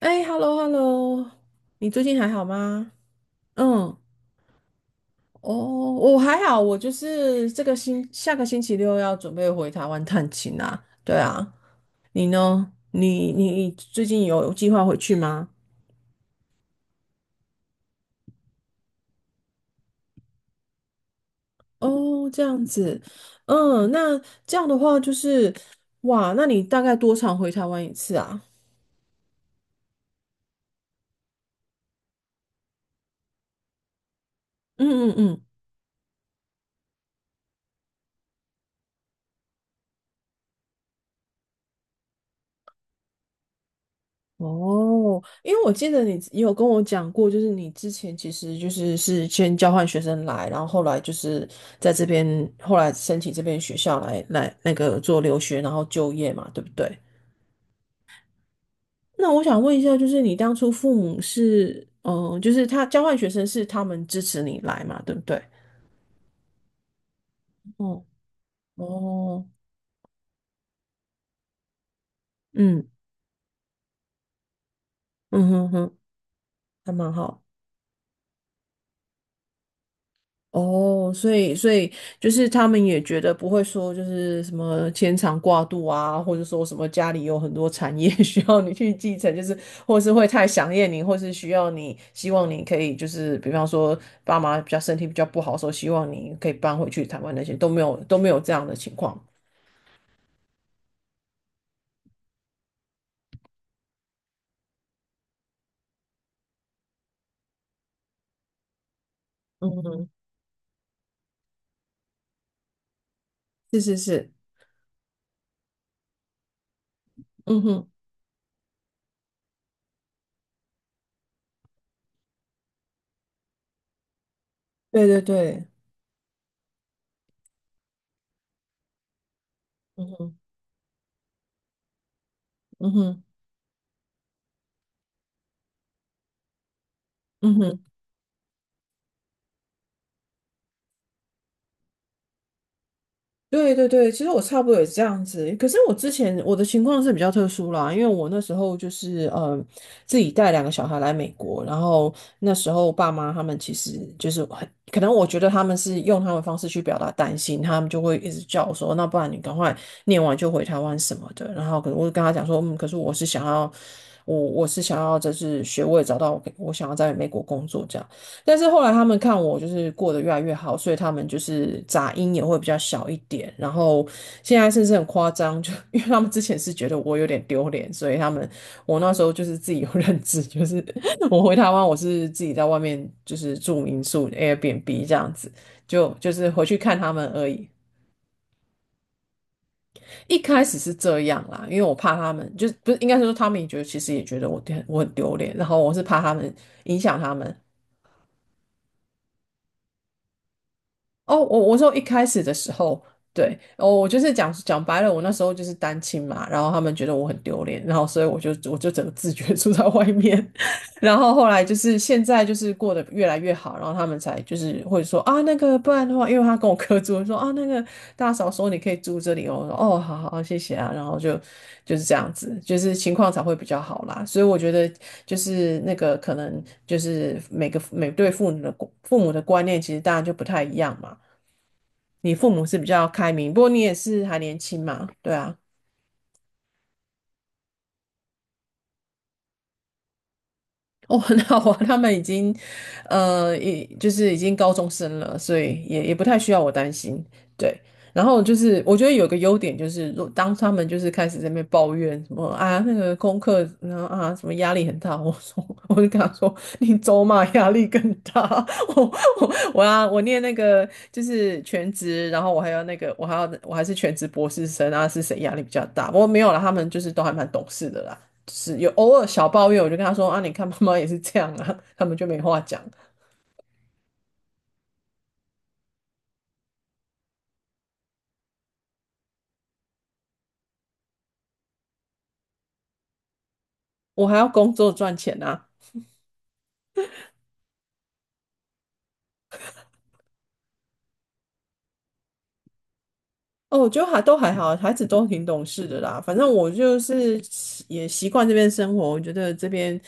哎，hello hello，你最近还好吗？嗯，哦，我还好，我就是这个星下个星期六要准备回台湾探亲啊。对啊，你呢？你最近有计划回去吗？哦，这样子，嗯，那这样的话就是，哇，那你大概多长回台湾一次啊？嗯嗯嗯，哦，因为我记得你也有跟我讲过，就是你之前其实就是先交换学生来，然后后来就是在这边，后来申请这边学校来那个做留学，然后就业嘛，对不对？那我想问一下，就是你当初父母是，就是他交换学生是他们支持你来嘛，对不对？哦哦，嗯嗯哼哼，还蛮好。哦，所以就是他们也觉得不会说就是什么牵肠挂肚啊，或者说什么家里有很多产业 需要你去继承，就是或是会太想念你，或是需要你希望你可以就是比方说爸妈比较身体比较不好的时候，希望你可以搬回去台湾那些都没有都没有这样的情况。嗯哼，是是是，嗯哼，对对对，嗯哼，嗯哼，嗯哼。对对对，其实我差不多也是这样子。可是我之前我的情况是比较特殊啦，因为我那时候就是自己带两个小孩来美国，然后那时候爸妈他们其实就是很可能我觉得他们是用他们的方式去表达担心，他们就会一直叫我说，那不然你赶快念完就回台湾什么的。然后可能我就跟他讲说，嗯，可是我是想要就是学位找到我想要在美国工作这样。但是后来他们看我就是过得越来越好，所以他们就是杂音也会比较小一点。然后现在甚至很夸张，就 因为他们之前是觉得我有点丢脸，所以他们我那时候就是自己有认知，就是 我回台湾我是自己在外面就是住民宿 Airbnb 这样子，就是回去看他们而已。一开始是这样啦，因为我怕他们，就是不是应该是说他们也觉得其实也觉得我很丢脸，然后我是怕他们影响他们，哦，我说一开始的时候，对，哦，我就是讲白了，我那时候就是单亲嘛，然后他们觉得我很丢脸，然后所以我就整个自觉住在外面，然后后来就是现在就是过得越来越好，然后他们才就是会说啊那个不然的话，因为他跟我哥住，说啊那个大嫂说你可以住这里哦，我说哦好好好谢谢啊，然后就是这样子，就是情况才会比较好啦，所以我觉得就是那个可能就是每对父母的观念其实当然就不太一样嘛。你父母是比较开明，不过你也是还年轻嘛，对啊。哦，很好啊，他们已经，呃，已就是已经高中生了，所以也不太需要我担心。对，然后就是我觉得有个优点就是，当他们就是开始在那边抱怨什么啊那个功课，然后啊什么压力很大，我就跟他说，你走马压力更大，我我我要我念那个就是全职，然后我还要那个我还要我还是全职博士生啊，是谁压力比较大？不过没有啦，他们就是都还蛮懂事的啦。是有偶尔小抱怨，我就跟他说啊，你看妈妈也是这样啊，他们就没话讲。我还要工作赚钱啊，哦，我觉得还都还好，孩子都挺懂事的啦。反正我就是习惯这边生活，我觉得这边，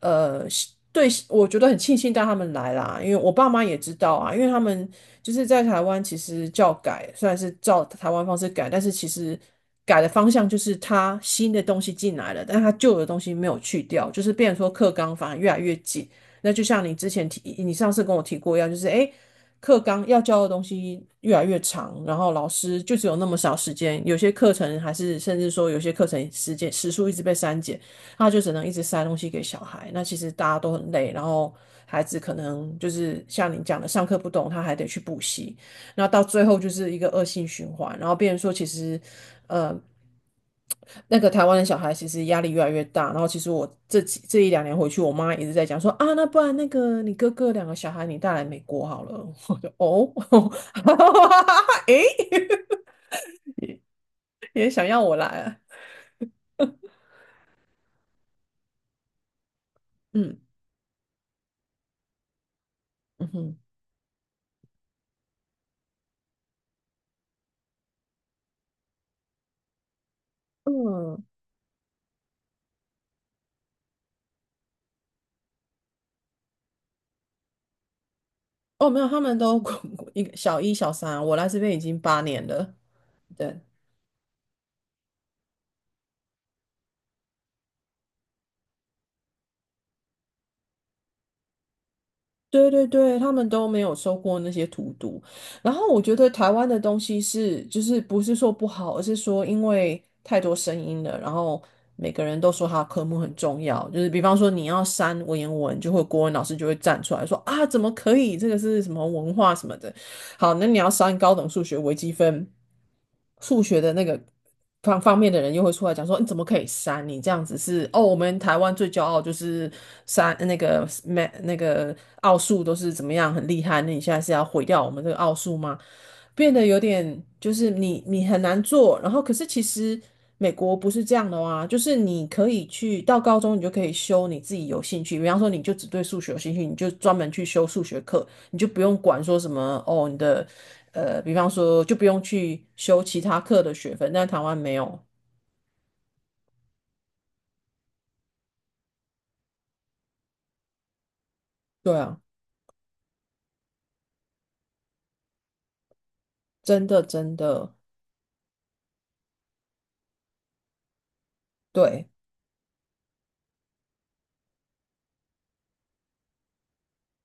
是对，我觉得很庆幸带他们来啦，因为我爸妈也知道啊，因为他们就是在台湾，其实教改虽然是照台湾方式改，但是其实改的方向就是他新的东西进来了，但他旧的东西没有去掉，就是变成说课纲反而越来越紧。那就像你之前提，你上次跟我提过一样，就是诶。课纲要教的东西越来越长，然后老师就只有那么少时间，有些课程还是甚至说有些课程时间时数一直被删减，他就只能一直塞东西给小孩。那其实大家都很累，然后孩子可能就是像你讲的，上课不懂，他还得去补习，那到最后就是一个恶性循环，然后变成说其实呃，那个台湾的小孩其实压力越来越大，然后其实我这一两年回去，我妈一直在讲说啊，那不然那个你哥哥两个小孩你带来美国好了，我就哦，诶，也想要我来啊，嗯嗯哼嗯，哦没有，他们都 一个小一小三啊，我来这边已经8年了，对。对对对，他们都没有收过那些荼毒。然后我觉得台湾的东西是，就是不是说不好，而是说因为太多声音了，然后每个人都说他的科目很重要。就是比方说你要删文言文，国文老师就会站出来说啊，怎么可以？这个是什么文化什么的。好，那你要删高等数学微积分。数学的那个方方面的人又会出来讲说，你怎么可以删？你这样子是哦，我们台湾最骄傲就是删那个 m 那个奥数都是怎么样很厉害，那你现在是要毁掉我们这个奥数吗？变得有点就是你很难做，然后可是其实美国不是这样的啊，就是你可以去到高中你就可以修你自己有兴趣，比方说你就只对数学有兴趣，你就专门去修数学课，你就不用管说什么哦你的。比方说就不用去修其他课的学分，但台湾没有。对啊，真的真的，对，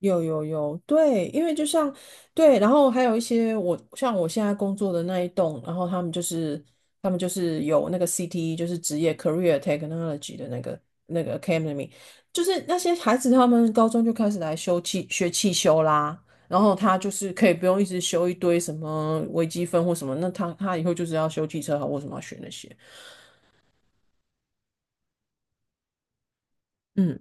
有有有，对，因为就像对，然后还有一些像我现在工作的那一栋，然后他们就是有那个 CTE，就是职业 Career Technology 的那个 Academy，就是那些孩子他们高中就开始来修汽修啦。然后他就是可以不用一直修一堆什么微积分或什么，那他以后就是要修汽车好，为什么要学那些？嗯，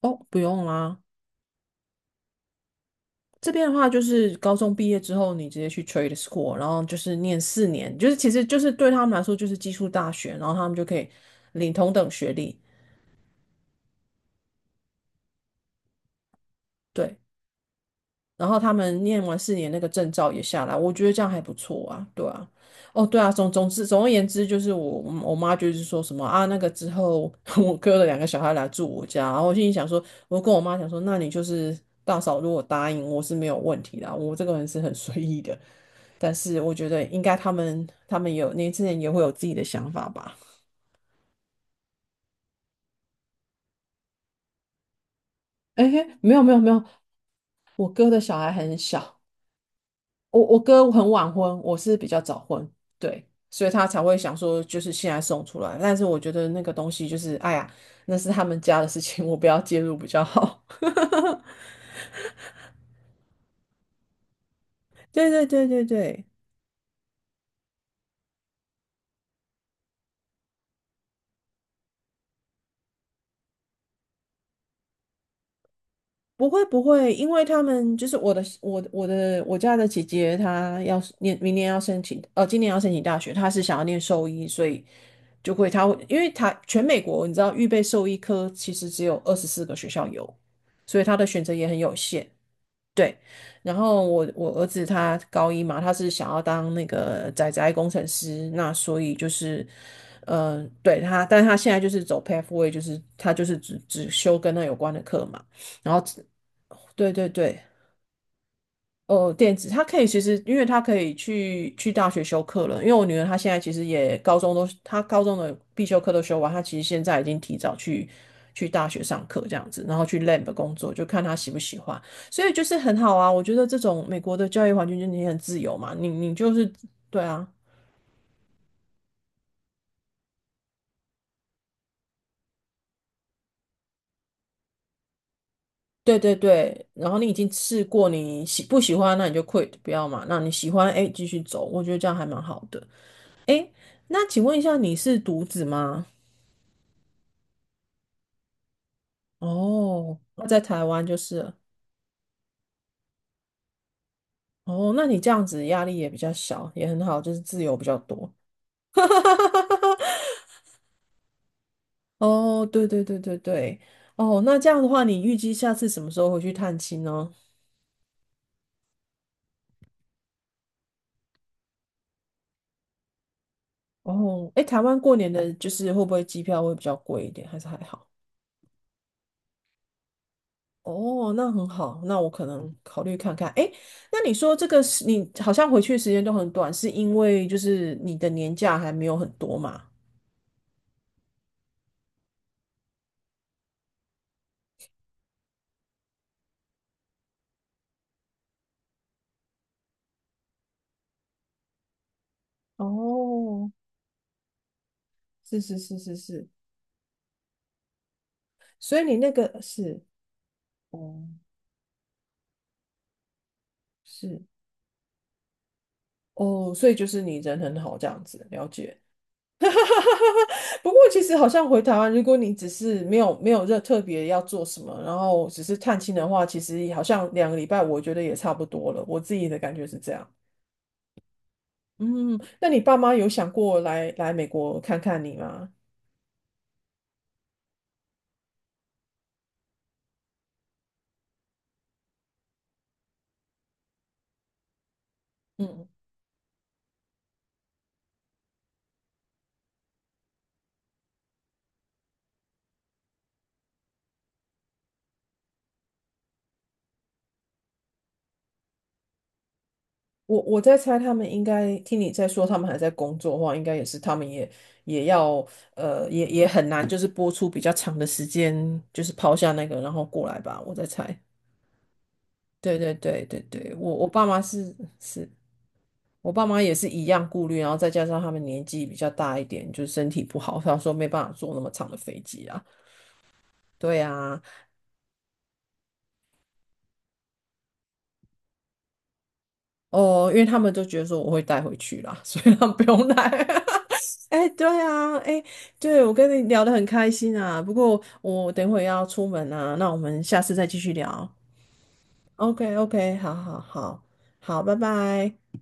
哦，不用啦。这边的话，就是高中毕业之后，你直接去 trade school，然后就是念四年，就是其实就是对他们来说就是技术大学，然后他们就可以领同等学历，对。然后他们念完四年那个证照也下来，我觉得这样还不错啊，对啊。哦，对啊，总而言之，就是我妈就是说什么啊，那个之后 我哥的两个小孩来住我家，然后我心里想说，我就跟我妈讲说，那你就是大嫂，如果答应我是没有问题的啊，我这个人是很随意的。但是我觉得应该他们有年轻人也会有自己的想法吧。哎，没有没有没有，我哥的小孩很小，我哥很晚婚，我是比较早婚，对，所以他才会想说，就是现在送出来。但是我觉得那个东西就是，哎呀，那是他们家的事情，我不要介入比较好。对对对对对，不会不会，因为他们就是我我家的姐姐，她要念明年要申请，今年要申请大学，她是想要念兽医，所以就会他会，因为他全美国你知道预备兽医科其实只有24个学校有，所以他的选择也很有限。对，然后我儿子他高一嘛，他是想要当那个工程师，那所以就是，嗯、对他，但他现在就是走 pathway，就是他就是只修跟那有关的课嘛，然后对对对，呃，电子，它可以其实，因为它可以去大学修课了。因为我女儿她现在其实也高中都，她高中的必修课都修完，她其实现在已经提早去大学上课这样子，然后去 lab 工作，就看她喜不喜欢。所以就是很好啊，我觉得这种美国的教育环境就是你很自由嘛，你就是对啊，对对对，然后你已经试过，你喜不喜欢，那你就 quit 不要嘛，那你喜欢，哎，继续走，我觉得这样还蛮好的。哎，那请问一下，你是独子吗？哦，那在台湾就是了。哦，那你这样子压力也比较小，也很好，就是自由比较多。哦，对对对对对，哦，那这样的话，你预计下次什么时候回去探亲呢？哦，诶，台湾过年的就是会不会机票会比较贵一点，还是还好？哦，那很好，那我可能考虑看看。诶，那你说这个是你好像回去的时间都很短，是因为就是你的年假还没有很多嘛？哦，是是是是是，所以你那个是哦，是哦，所以就是你人很好这样子，了解。不过其实好像回台湾，如果你只是没有没有热特别要做什么，然后只是探亲的话，其实好像两个礼拜，我觉得也差不多了。我自己的感觉是这样。嗯，那你爸妈有想过来美国看看你吗？嗯，我在猜，他们应该听你在说，他们还在工作的话，应该也是他们也也要呃，也也很难，就是播出比较长的时间，就是抛下那个，然后过来吧。我在猜，对对对对对，我爸妈是是，我爸妈也是一样顾虑，然后再加上他们年纪比较大一点，就是身体不好，他说没办法坐那么长的飞机啊。对啊，哦，因为他们都觉得说我会带回去啦，所以他们不用带。哎对啊，哎，对，我跟你聊得很开心啊。不过我等会要出门啊，那我们下次再继续聊。OK，OK，好好好好，拜拜。